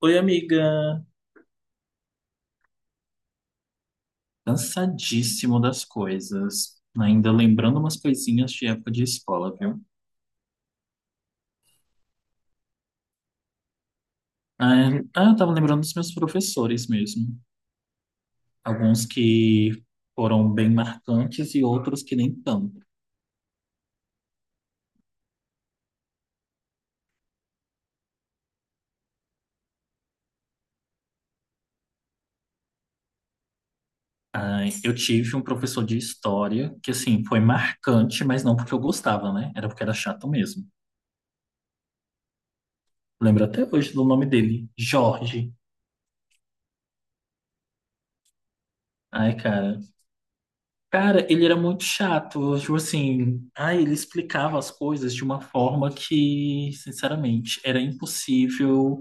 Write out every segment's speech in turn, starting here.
Oi, amiga. Cansadíssimo das coisas. Ainda lembrando umas coisinhas de época de escola, viu? Eu tava lembrando dos meus professores mesmo. Alguns que foram bem marcantes e outros que nem tanto. Ah, eu tive um professor de história que, assim, foi marcante, mas não porque eu gostava, né? Era porque era chato mesmo. Lembro até hoje do nome dele, Jorge. Ai, cara. Cara, ele era muito chato, tipo assim, ele explicava as coisas de uma forma que, sinceramente, era impossível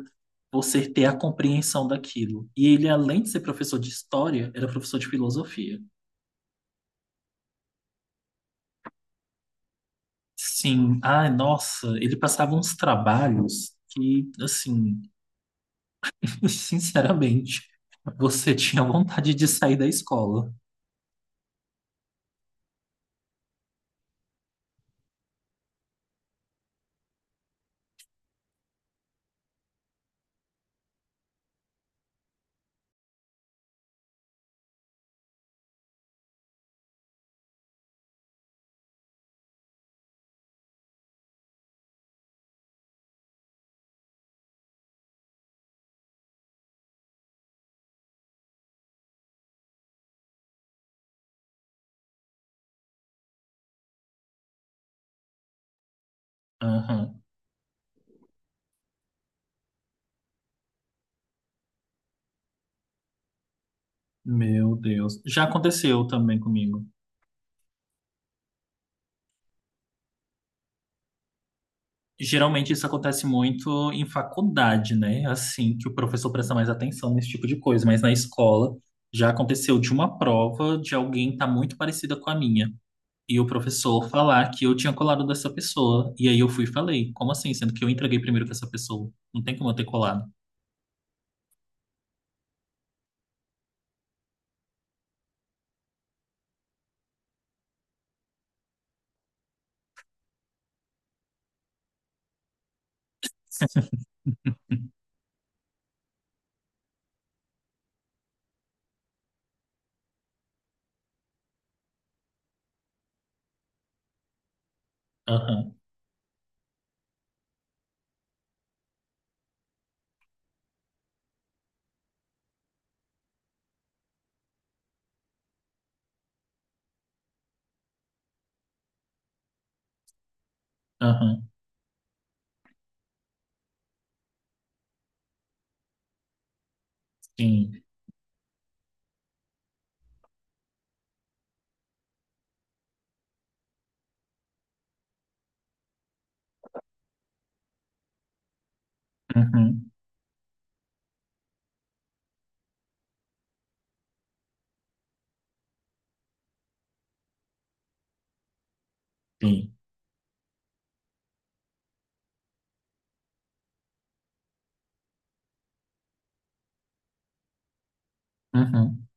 você ter a compreensão daquilo. E ele, além de ser professor de história, era professor de filosofia. Sim, ai, nossa, ele passava uns trabalhos que, assim, sinceramente, você tinha vontade de sair da escola. Aham. Meu Deus, já aconteceu também comigo. Geralmente isso acontece muito em faculdade, né? Assim, que o professor presta mais atenção nesse tipo de coisa, mas na escola já aconteceu de uma prova de alguém estar muito parecida com a minha. E o professor falar que eu tinha colado dessa pessoa. E aí eu fui e falei, como assim? Sendo que eu entreguei primeiro que essa pessoa. Não tem como eu ter colado. Aham, aham, sim, uhum, sim, uhum.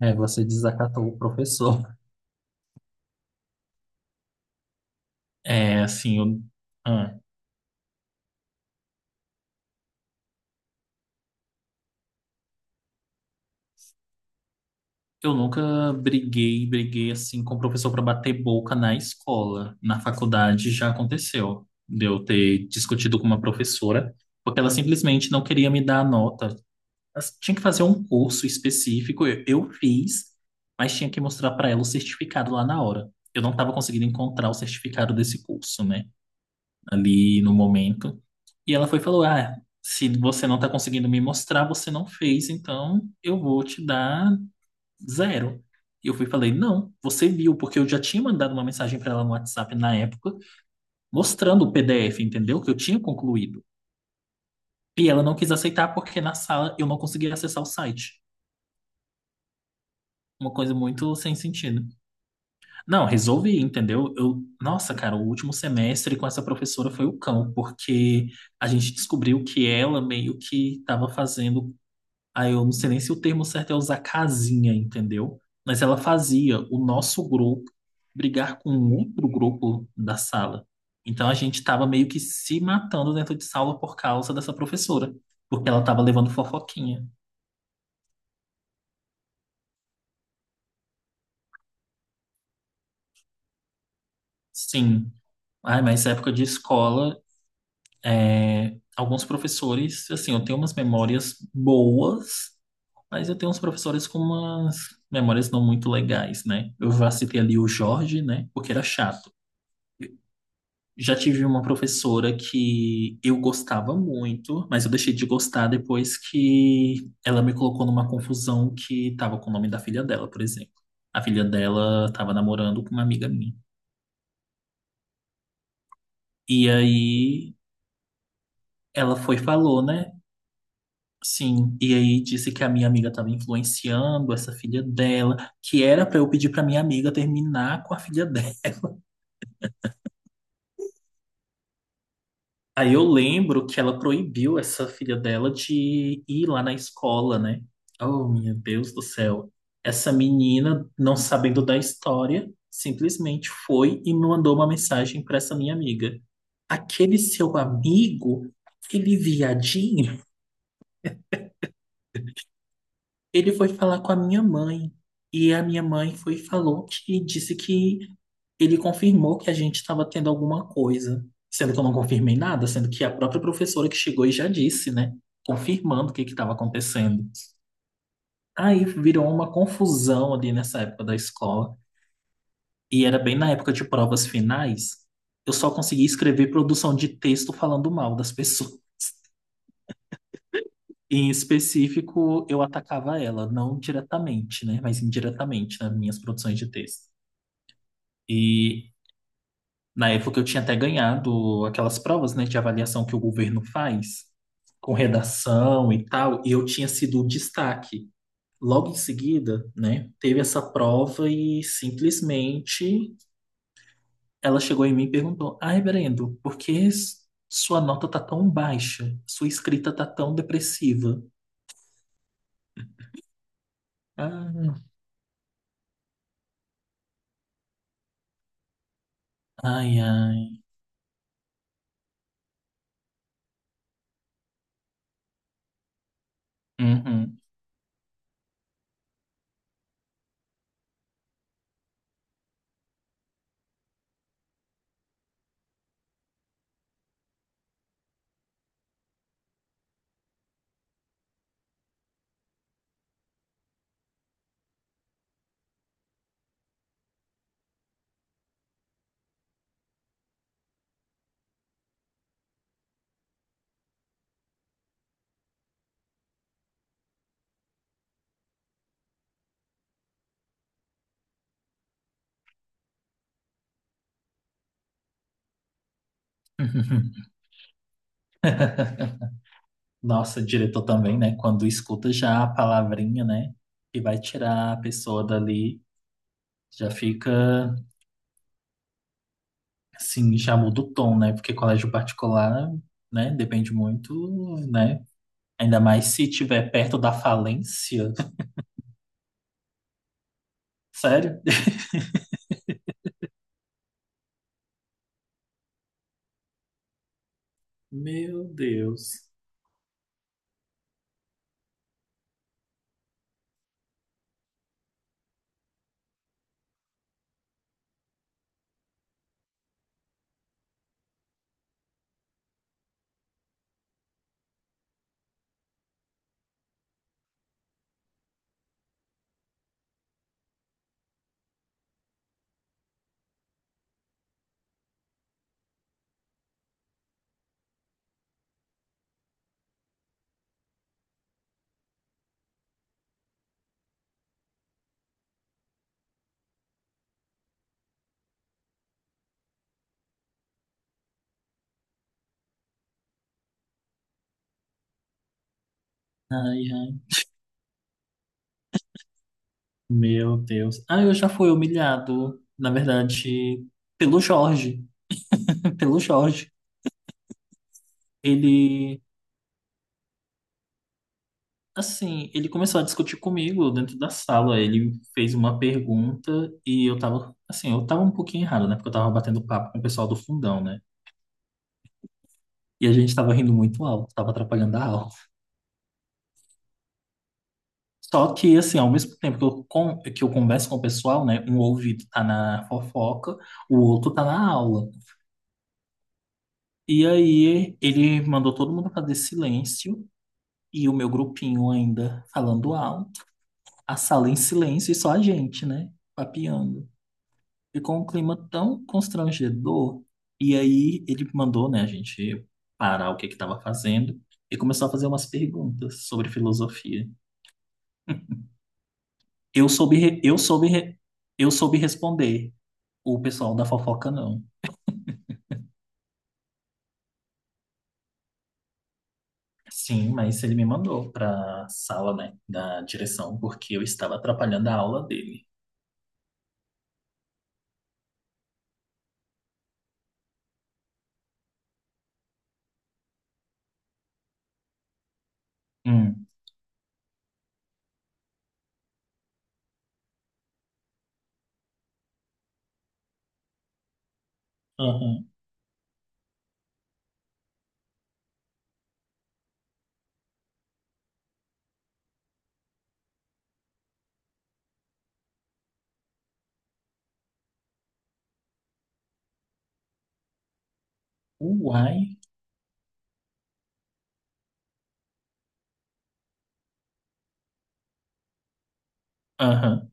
É, você desacatou o professor. É, assim, eu... ah. Eu nunca briguei, briguei assim com o professor para bater boca na escola. Na faculdade já aconteceu de eu ter discutido com uma professora, porque ela simplesmente não queria me dar a nota. Ela tinha que fazer um curso específico, eu fiz, mas tinha que mostrar para ela o certificado lá na hora. Eu não estava conseguindo encontrar o certificado desse curso, né, ali no momento. E ela foi e falou: Ah, se você não está conseguindo me mostrar, você não fez, então eu vou te dar zero. E eu fui e falei, não, você viu, porque eu já tinha mandado uma mensagem para ela no WhatsApp na época, mostrando o PDF, entendeu? Que eu tinha concluído. E ela não quis aceitar porque na sala eu não conseguia acessar o site. Uma coisa muito sem sentido. Não, resolvi, entendeu? Eu, nossa, cara, o último semestre com essa professora foi o cão, porque a gente descobriu que ela meio que estava fazendo. Aí eu não sei nem se o termo certo é usar casinha, entendeu? Mas ela fazia o nosso grupo brigar com um outro grupo da sala. Então a gente estava meio que se matando dentro de sala por causa dessa professora, porque ela estava levando fofoquinha. Sim. Ai, mas época de escola, alguns professores, assim, eu tenho umas memórias boas, mas eu tenho uns professores com umas memórias não muito legais, né? Eu já citei ali o Jorge, né? Porque era chato. Já tive uma professora que eu gostava muito, mas eu deixei de gostar depois que ela me colocou numa confusão que estava com o nome da filha dela, por exemplo. A filha dela estava namorando com uma amiga minha. E aí ela foi e falou, né? Sim, e aí disse que a minha amiga estava influenciando essa filha dela, que era para eu pedir para minha amiga terminar com a filha dela. Aí eu lembro que ela proibiu essa filha dela de ir lá na escola, né? Oh, meu Deus do céu. Essa menina, não sabendo da história, simplesmente foi e me mandou uma mensagem para essa minha amiga. Aquele seu amigo, aquele viadinho. Ele foi falar com a minha mãe e a minha mãe foi e falou que disse que ele confirmou que a gente estava tendo alguma coisa, sendo que eu não confirmei nada, sendo que a própria professora que chegou e já disse, né, confirmando o que que estava acontecendo. Aí virou uma confusão ali nessa época da escola e era bem na época de provas finais. Eu só conseguia escrever produção de texto falando mal das pessoas. Em específico, eu atacava ela, não diretamente, né, mas indiretamente nas minhas produções de texto. E na época eu tinha até ganhado aquelas provas, né, de avaliação que o governo faz, com redação e tal, e eu tinha sido o destaque. Logo em seguida, né, teve essa prova e simplesmente ela chegou em mim e perguntou: Ah, reverendo, sua nota tá tão baixa? Sua escrita tá tão depressiva? Ah, ai, ai. Uhum. Nossa, diretor também, né? Quando escuta já a palavrinha, né? Que vai tirar a pessoa dali, já fica, assim, já muda o tom, né? Porque colégio particular, né? Depende muito, né? Ainda mais se tiver perto da falência. Sério? Meu Deus. Ai, ai, meu Deus. Ah, eu já fui humilhado, na verdade, pelo Jorge. Pelo Jorge. Ele. Assim, ele começou a discutir comigo dentro da sala. Ele fez uma pergunta e eu tava, assim, eu tava um pouquinho errado, né? Porque eu tava batendo papo com o pessoal do fundão, né? E a gente tava rindo muito alto, tava atrapalhando a aula. Só que, assim, ao mesmo tempo que que eu converso com o pessoal, né? Um ouvido tá na fofoca, o outro tá na aula. E aí ele mandou todo mundo fazer silêncio e o meu grupinho ainda falando alto, a sala em silêncio e só a gente, né? Papeando. Ficou um clima tão constrangedor. E aí ele mandou, né, a gente parar o que que estava fazendo e começou a fazer umas perguntas sobre filosofia. Eu soube, re- eu soube, re- eu soube responder. O pessoal da fofoca não. Sim, mas ele me mandou para sala, né, da direção porque eu estava atrapalhando a aula dele. Hum. Aham. Uai. Aham.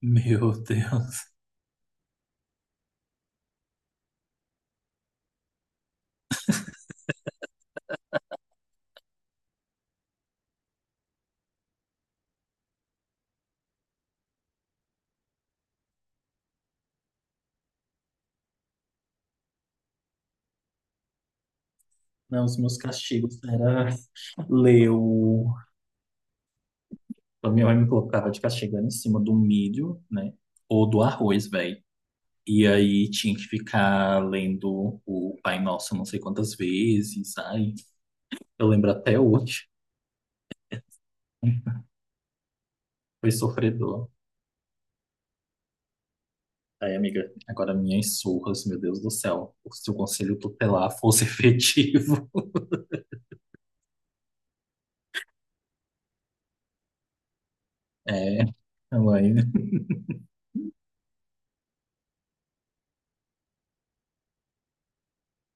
Meu Deus. Não, os meus castigos era leu. A minha mãe me colocava de castigando em cima do milho, né? Ou do arroz, velho. E aí tinha que ficar lendo o Pai Nosso não sei quantas vezes. Ai, eu lembro até hoje. Foi sofredor. Aí, amiga, agora minhas surras, meu Deus do céu. Se o conselho tutelar fosse efetivo. É, a mãe. Né?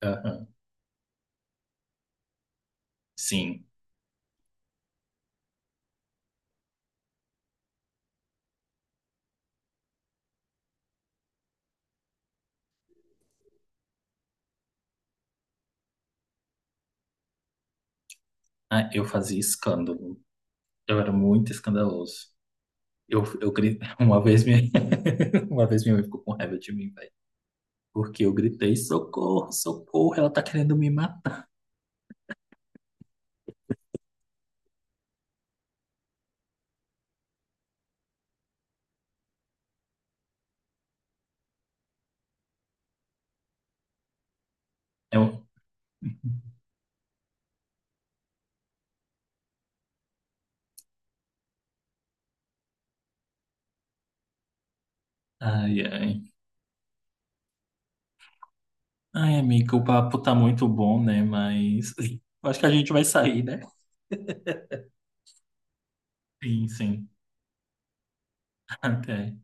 Aham. Sim. Ah, eu fazia escândalo. Eu era muito escandaloso. Eu, eu, gri- uma vez minha, uma vez minha mãe ficou com raiva de mim, velho. Porque eu gritei, socorro, socorro, ela tá querendo me matar. Eu- ai, ai. Ai, amigo, o papo tá muito bom, né? Mas acho que a gente vai sair, né? Sim, sim. Até.